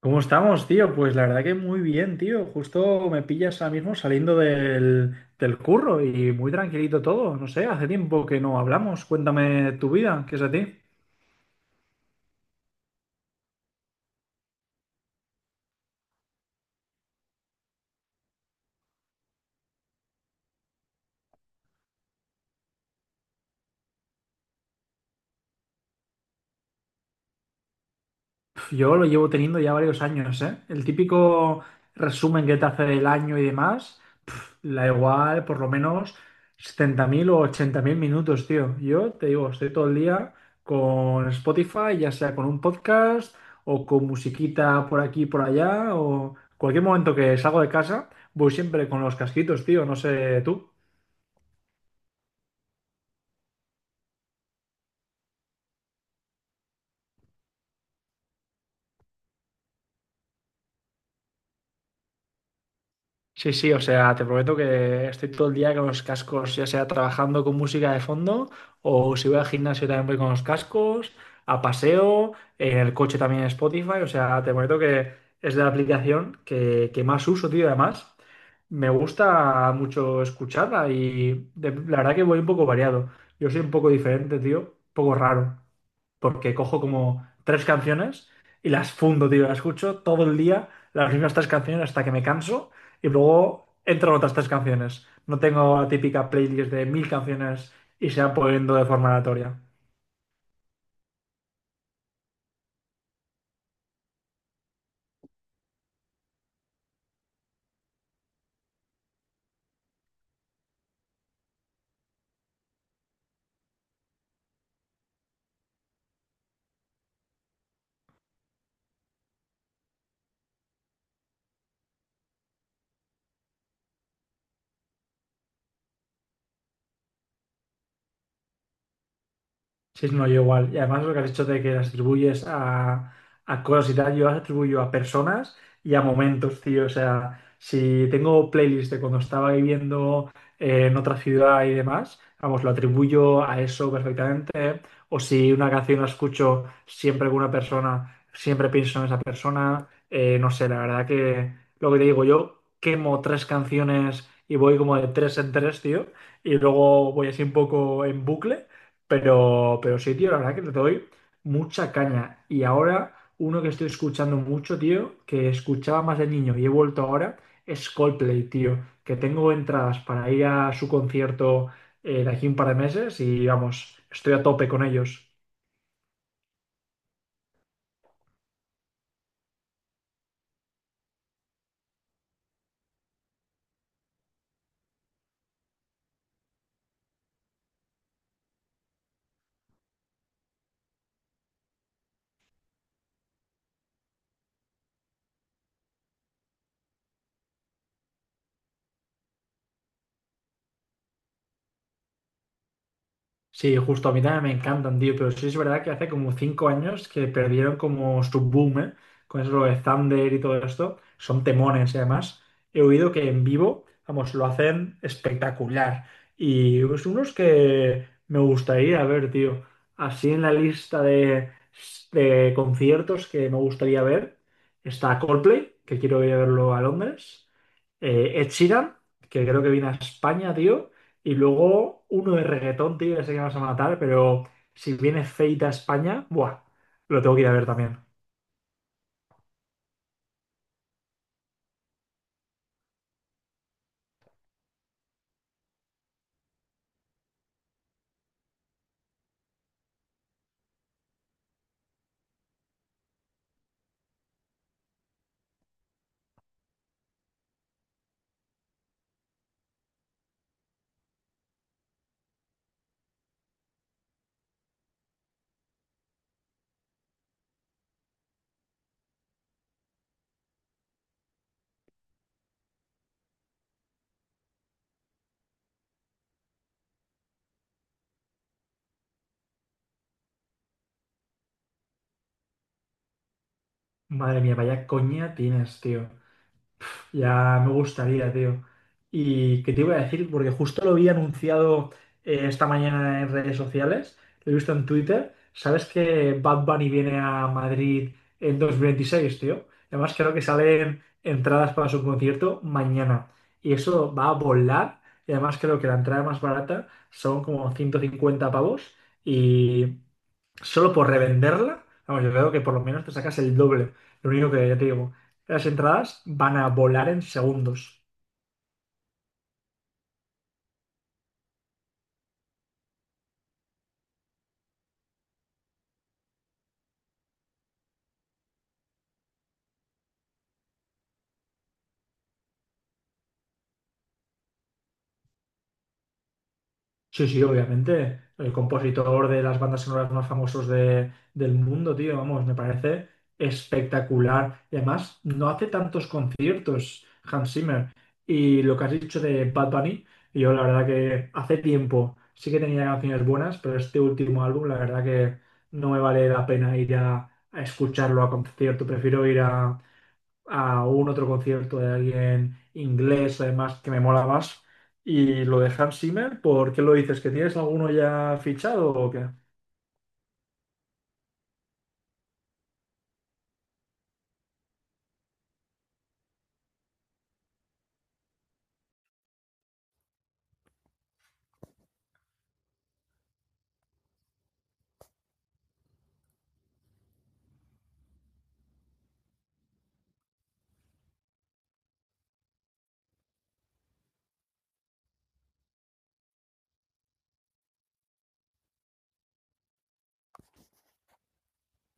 ¿Cómo estamos, tío? Pues la verdad que muy bien, tío. Justo me pillas ahora mismo saliendo del curro y muy tranquilito todo. No sé, hace tiempo que no hablamos. Cuéntame tu vida, ¿qué es de ti? Yo lo llevo teniendo ya varios años, ¿eh? El típico resumen que te hace el año y demás, la igual por lo menos 70.000 o 80.000 minutos, tío. Yo te digo, estoy todo el día con Spotify, ya sea con un podcast o con musiquita por aquí, por allá, o cualquier momento que salgo de casa, voy siempre con los casquitos, tío, no sé tú. Sí, sí, o sea, te prometo que estoy todo el día con los cascos, ya sea trabajando con música de fondo o si voy al gimnasio también voy con los cascos, a paseo, en el coche también Spotify, o sea, te prometo que es la aplicación que más uso, tío, además. Me gusta mucho escucharla y la verdad que voy un poco variado. Yo soy un poco diferente, tío, un poco raro, porque cojo como tres canciones y las fundo, tío, las escucho todo el día, las mismas tres canciones hasta que me canso y luego entran otras tres canciones. No tengo la típica playlist de 1.000 canciones y se van poniendo de forma aleatoria. Sí, no, yo igual. Y además lo que has hecho de que las atribuyes a cosas y tal, yo las atribuyo a personas y a momentos, tío. O sea, si tengo playlist de cuando estaba viviendo en otra ciudad y demás, vamos, lo atribuyo a eso perfectamente. O si una canción la escucho siempre con una persona, siempre pienso en esa persona. No sé, la verdad que lo que te digo, yo quemo tres canciones y voy como de tres en tres, tío. Y luego voy así un poco en bucle. Pero sí, tío, la verdad que le doy mucha caña. Y ahora, uno que estoy escuchando mucho, tío, que escuchaba más de niño y he vuelto ahora, es Coldplay, tío. Que tengo entradas para ir a su concierto de aquí un par de meses y vamos, estoy a tope con ellos. Sí, justo a mí también me encantan, tío, pero sí es verdad que hace como 5 años que perdieron como su boom, ¿eh? Con eso de Thunder y todo esto. Son temones y además he oído que en vivo, vamos, lo hacen espectacular. Y es unos que me gustaría ver, tío. Así en la lista de conciertos que me gustaría ver está Coldplay, que quiero ir a verlo a Londres. Ed Sheeran, que creo que viene a España, tío. Y luego uno de reggaetón, tío, ya sé que me vas a matar, pero si viene Feita a España, buah, lo tengo que ir a ver también. Madre mía, vaya coña tienes, tío. Ya me gustaría, tío. ¿Y qué te iba a decir? Porque justo lo vi anunciado esta mañana en redes sociales, lo he visto en Twitter. ¿Sabes que Bad Bunny viene a Madrid en 2026 tío? Además, creo que salen entradas para su concierto mañana. Y eso va a volar. Y además creo que la entrada más barata son como 150 pavos. Y solo por revenderla, vamos, yo creo que por lo menos te sacas el doble. Lo único que ya te digo, las entradas van a volar en segundos. Sí, sí, obviamente. El compositor de las bandas sonoras más famosos del mundo, tío, vamos, me parece espectacular. Y además, no hace tantos conciertos, Hans Zimmer. Y lo que has dicho de Bad Bunny, yo la verdad que hace tiempo sí que tenía canciones buenas, pero este último álbum, la verdad que no me vale la pena ir a escucharlo a concierto. Prefiero ir a un otro concierto de alguien inglés, además, que me mola más. Y lo de Hans Zimmer, ¿por qué lo dices? ¿Que tienes alguno ya fichado o qué?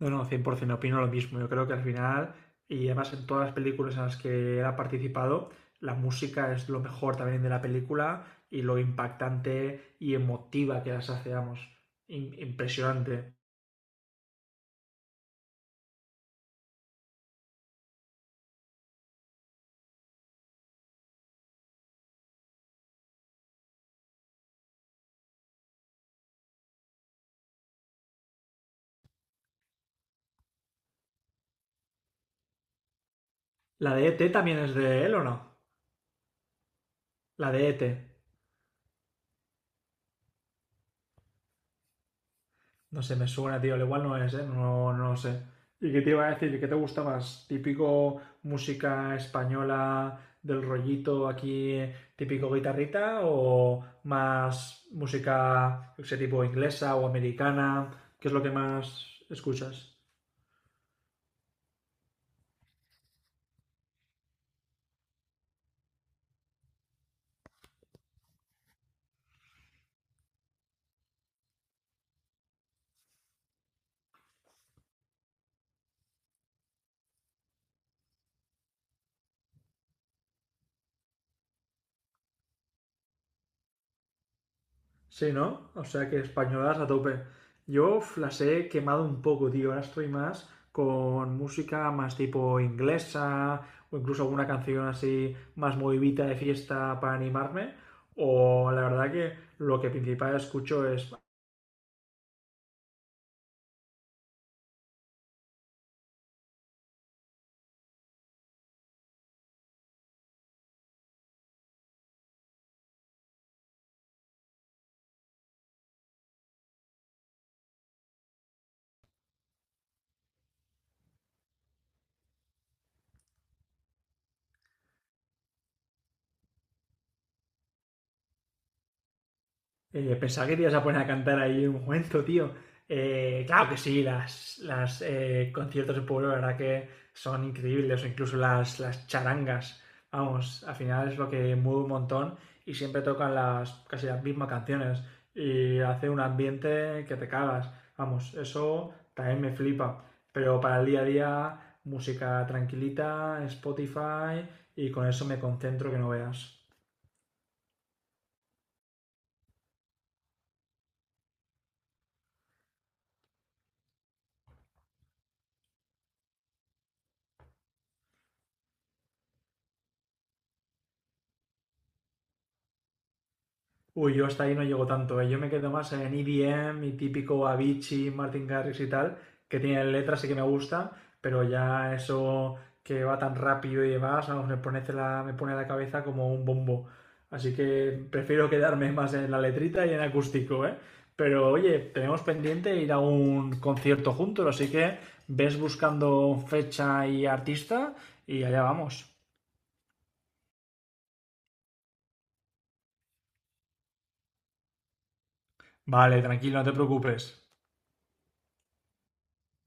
No, no, 100% opino lo mismo. Yo creo que al final, y además en todas las películas en las que él ha participado, la música es lo mejor también de la película y lo impactante y emotiva que las hace, vamos. Impresionante. ¿La de ET también es de él o no? La de ET. No sé, me suena, tío. Al igual no es, ¿eh? No, no lo sé. ¿Y qué te iba a decir? ¿Qué te gusta más? ¿Típico música española del rollito aquí, típico guitarrita? ¿O más música, yo qué sé, tipo inglesa o americana? ¿Qué es lo que más escuchas? Sí, ¿no? O sea que españolas a tope. Yo uf, las he quemado un poco, tío. Ahora estoy más con música más tipo inglesa o incluso alguna canción así más movidita de fiesta para animarme. O la verdad que lo que principal escucho es pensaba que te ibas a poner a cantar ahí un momento, tío. Claro que sí, las, las conciertos de pueblo, la verdad que son increíbles, o incluso las charangas. Vamos, al final es lo que mueve un montón y siempre tocan las casi las mismas canciones y hace un ambiente que te cagas. Vamos, eso también me flipa. Pero para el día a día, música tranquilita, Spotify y con eso me concentro que no veas. Uy, yo hasta ahí no llego tanto, ¿eh? Yo me quedo más en EDM y típico Avicii, Martin Garrix y tal, que tienen letras y que me gusta, pero ya eso que va tan rápido y demás, vamos, me pone la cabeza como un bombo. Así que prefiero quedarme más en la letrita y en acústico, ¿eh? Pero oye, tenemos pendiente ir a un concierto juntos, así que ves buscando fecha y artista y allá vamos. Vale, tranquilo, no te preocupes.